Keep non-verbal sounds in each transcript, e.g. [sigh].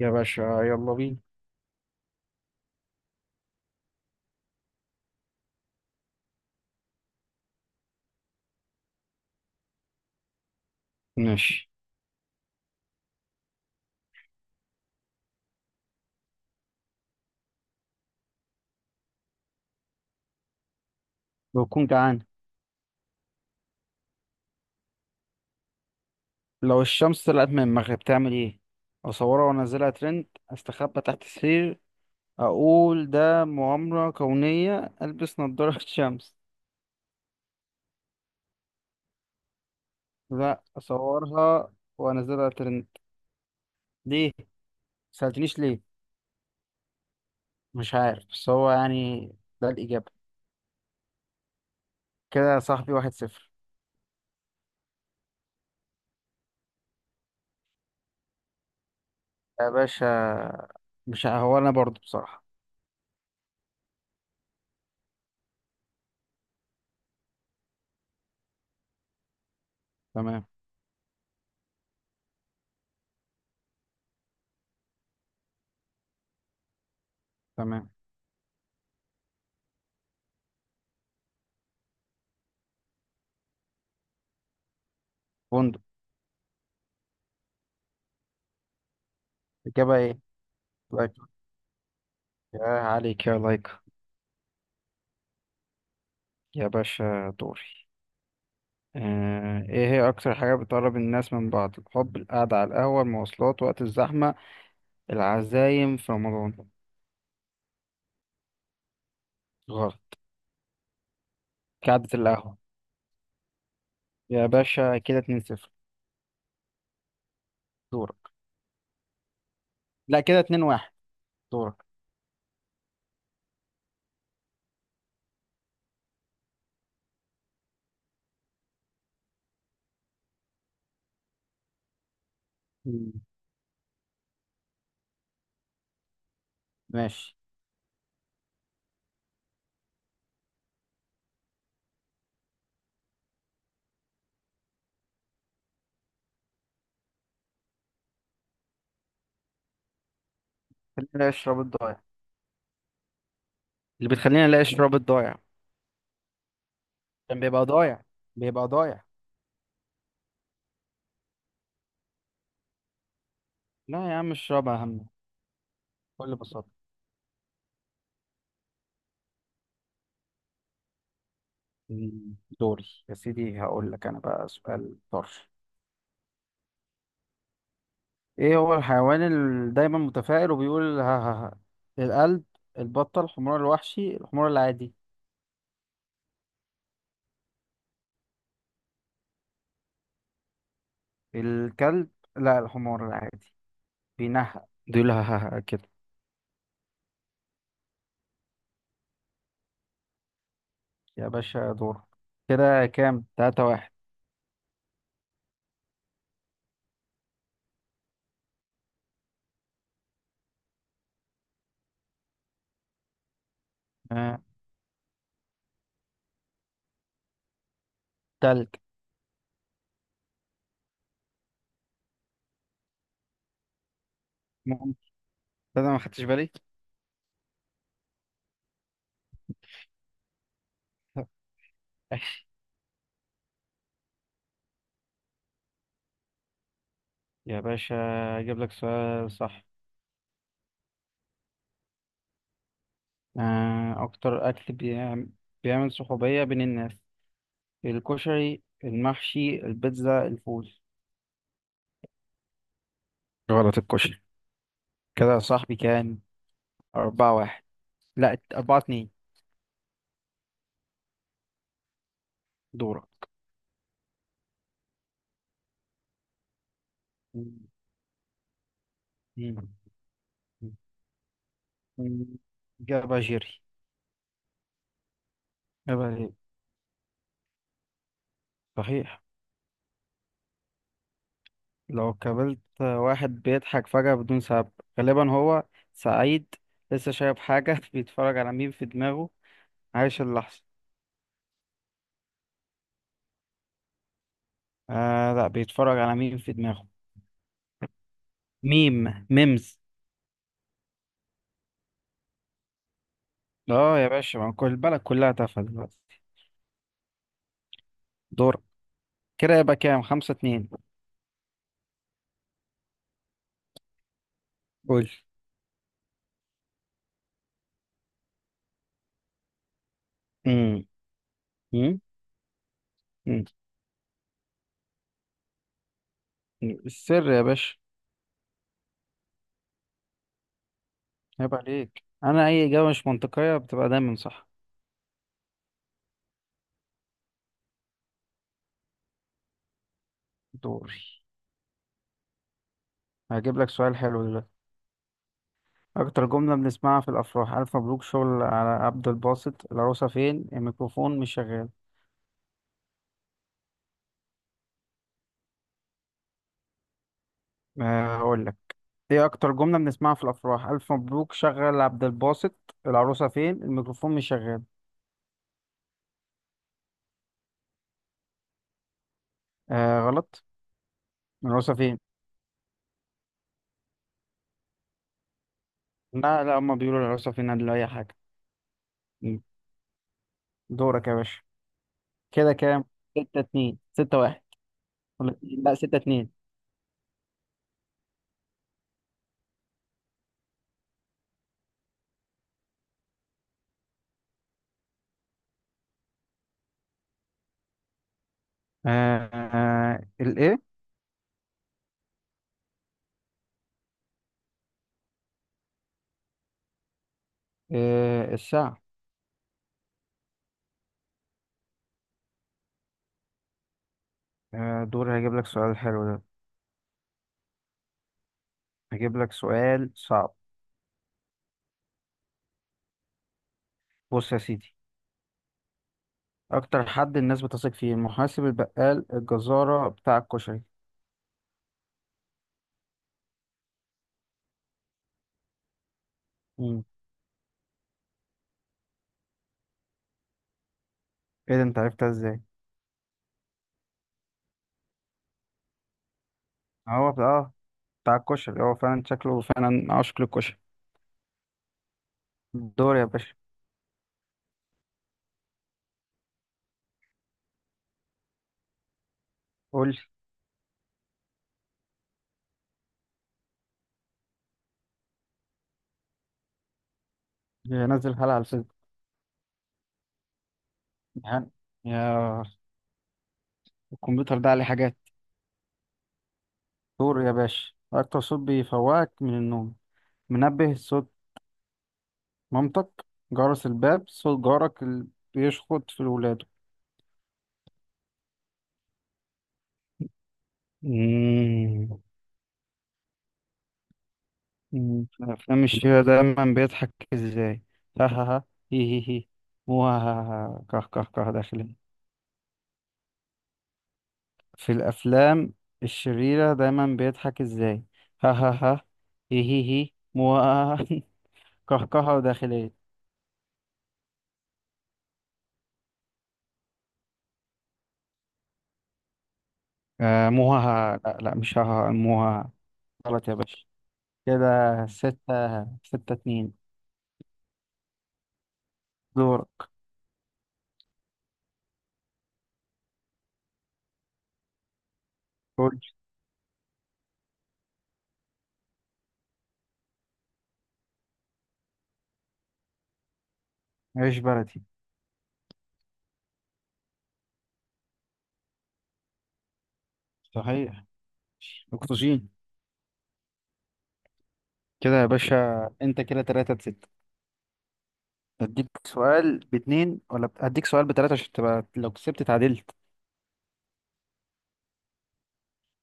يا باشا، يلا بينا. ماشي. بكون جعان. لو الشمس طلعت من المغرب تعمل ايه؟ اصورها وانزلها ترند، استخبى تحت السرير، اقول ده مؤامرة كونية، البس نظارة [laughs] شمس. لا، اصورها وانزلها ترند. ليه؟ سألتنيش ليه. مش عارف، بس هو يعني ده الإجابة. كده يا صاحبي 1-0. يا باشا، مش ه- هو انا برضو بصراحة. تمام. تمام. فندق. الإجابة ايه؟ لايك. يا عليك يا لايك. يا باشا دوري. ايه هي اكتر حاجة بتقرب الناس من بعض؟ الحب، القعدة على القهوة، المواصلات وقت الزحمة، العزايم في رمضان. غلط. قعدة القهوة. يا باشا كده 2-0. دورك. لا، كده 2-1. دورك. مم. ماشي، خلينا نلاقي الشراب الضايع. اللي بتخلينا نلاقي الشراب الضايع. كان بيبقى ضايع، بيبقى ضايع. لا يا عم، الشراب اهم، بكل بساطة. مم. دوري يا سيدي، هقول لك انا بقى سؤال طرش. ايه هو الحيوان اللي دايما متفائل وبيقول ها ها ها؟ القلب، البطة، الحمار الوحشي، الحمار العادي. الكلب؟ لا، الحمار العادي، بينهق بيقول ها ها ها كده. يا باشا دور. كده كام؟ 3-1. آه. تلج. مم. ده أنا ما خدتش بالي. ماشي. يا باشا اجيب لك سؤال صح. اكتر اكل بيعمل، بيعمل صحوبية بين الناس؟ الكشري، المحشي، البيتزا، الفول. غلط، الكشري. كده يا صاحبي كام؟ 4-1. لا، 4-2. دورة. مم. مم. مم. إجابة جيري. إجابة جيري. صحيح. لو قابلت واحد بيضحك فجأة بدون سبب، غالبا هو سعيد، لسه شايف حاجة [laughs] بيتفرج على ميم في دماغه، عايش اللحظة. آه لا، بيتفرج على ميم في دماغه. ميم، ميمز. اه يا باشا، ما كل البلد كلها تافهة دلوقتي. دور. كده يبقى كام؟ 5-2. قول. مم. مم. مم. السر يا باشا. عيب عليك، انا اي اجابه مش منطقيه بتبقى دايما صح. دوري، هجيب لك سؤال حلو دلوقتي. اكتر جمله بنسمعها في الافراح؟ الف مبروك، شغل على عبد الباسط، العروسه فين، الميكروفون مش شغال. أه هقول لك، ايه اكتر جمله بنسمعها في الافراح؟ الف مبروك، شغل عبد الباسط، العروسه فين، الميكروفون مش شغال. أه غلط. العروسه فين. لا لا، هما بيقولوا العروسه فين قبل اي حاجه. مم. دورك يا باشا. كده كام؟ 6-2، 6-1 ولا لا 6-2. آه، آه، الايه. إيه الساعة. دوري، هجيب لك سؤال حلو ده، هجيب لك سؤال صعب. بص يا سيدي، أكتر حد الناس بتثق فيه؟ المحاسب، البقال، الجزارة، بتاع الكشري. مم. إيه ده، أنت عرفتها إزاي؟ هو آه، بتاع الكشري هو فعلا شكله فعلا عاشق للكشري. دوري يا باشا. قول لي. يا نزل حلقة على الفيسبوك، يعني، يا، الكمبيوتر ده عليه حاجات. دوري يا باشا. أكتر صوت بيفوقك من النوم؟ منبه، صوت مامتك، جرس الباب، صوت جارك اللي بيشخط في الولاد. مم. مم. أفلام الشيخ دايما بيضحك إزاي؟ ها ها ها، هي هي هي، مو ها ها ها، كه كه كه داخل. في الأفلام الشريرة دايما بيضحك إزاي؟ ها ها ها، هي هي هي، مو ها ها ها. [laughs] كهكهة وداخلية. آه مو ها، ها، لا لا، مش ها ها، مو ها ها. غلط يا باشا. كده ستة، ستة اتنين. دورك. قول. عيش بلدي. صحيح. أكتوشين. كده يا باشا، أنت كده 3-6. اديك سؤال باتنين ولا اديك سؤال بتلاتة عشان تبقى لو كسبت اتعادلت.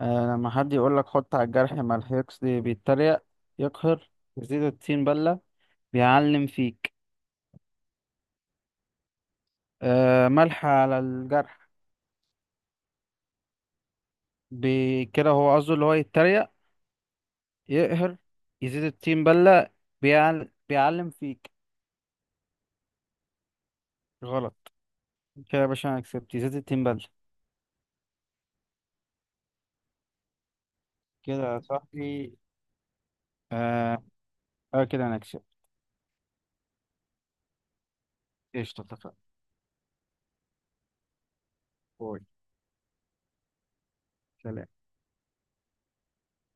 آه، لما حد يقول لك حط على الجرح ملح، يقصد بيتريق، يقهر، يزيد الطين بلة، بيعلم فيك. آه، ملح على الجرح. كده هو قصده اللي هو يتريق، يقهر، يزيد الطين بلة، بيعلم فيك. غلط. كده يا باشا انا كسبت. يزيد الطين بلة. كده يا صاحبي. آه. آه كده انا كسبت. قشطة، اتفقنا. باي. سلام.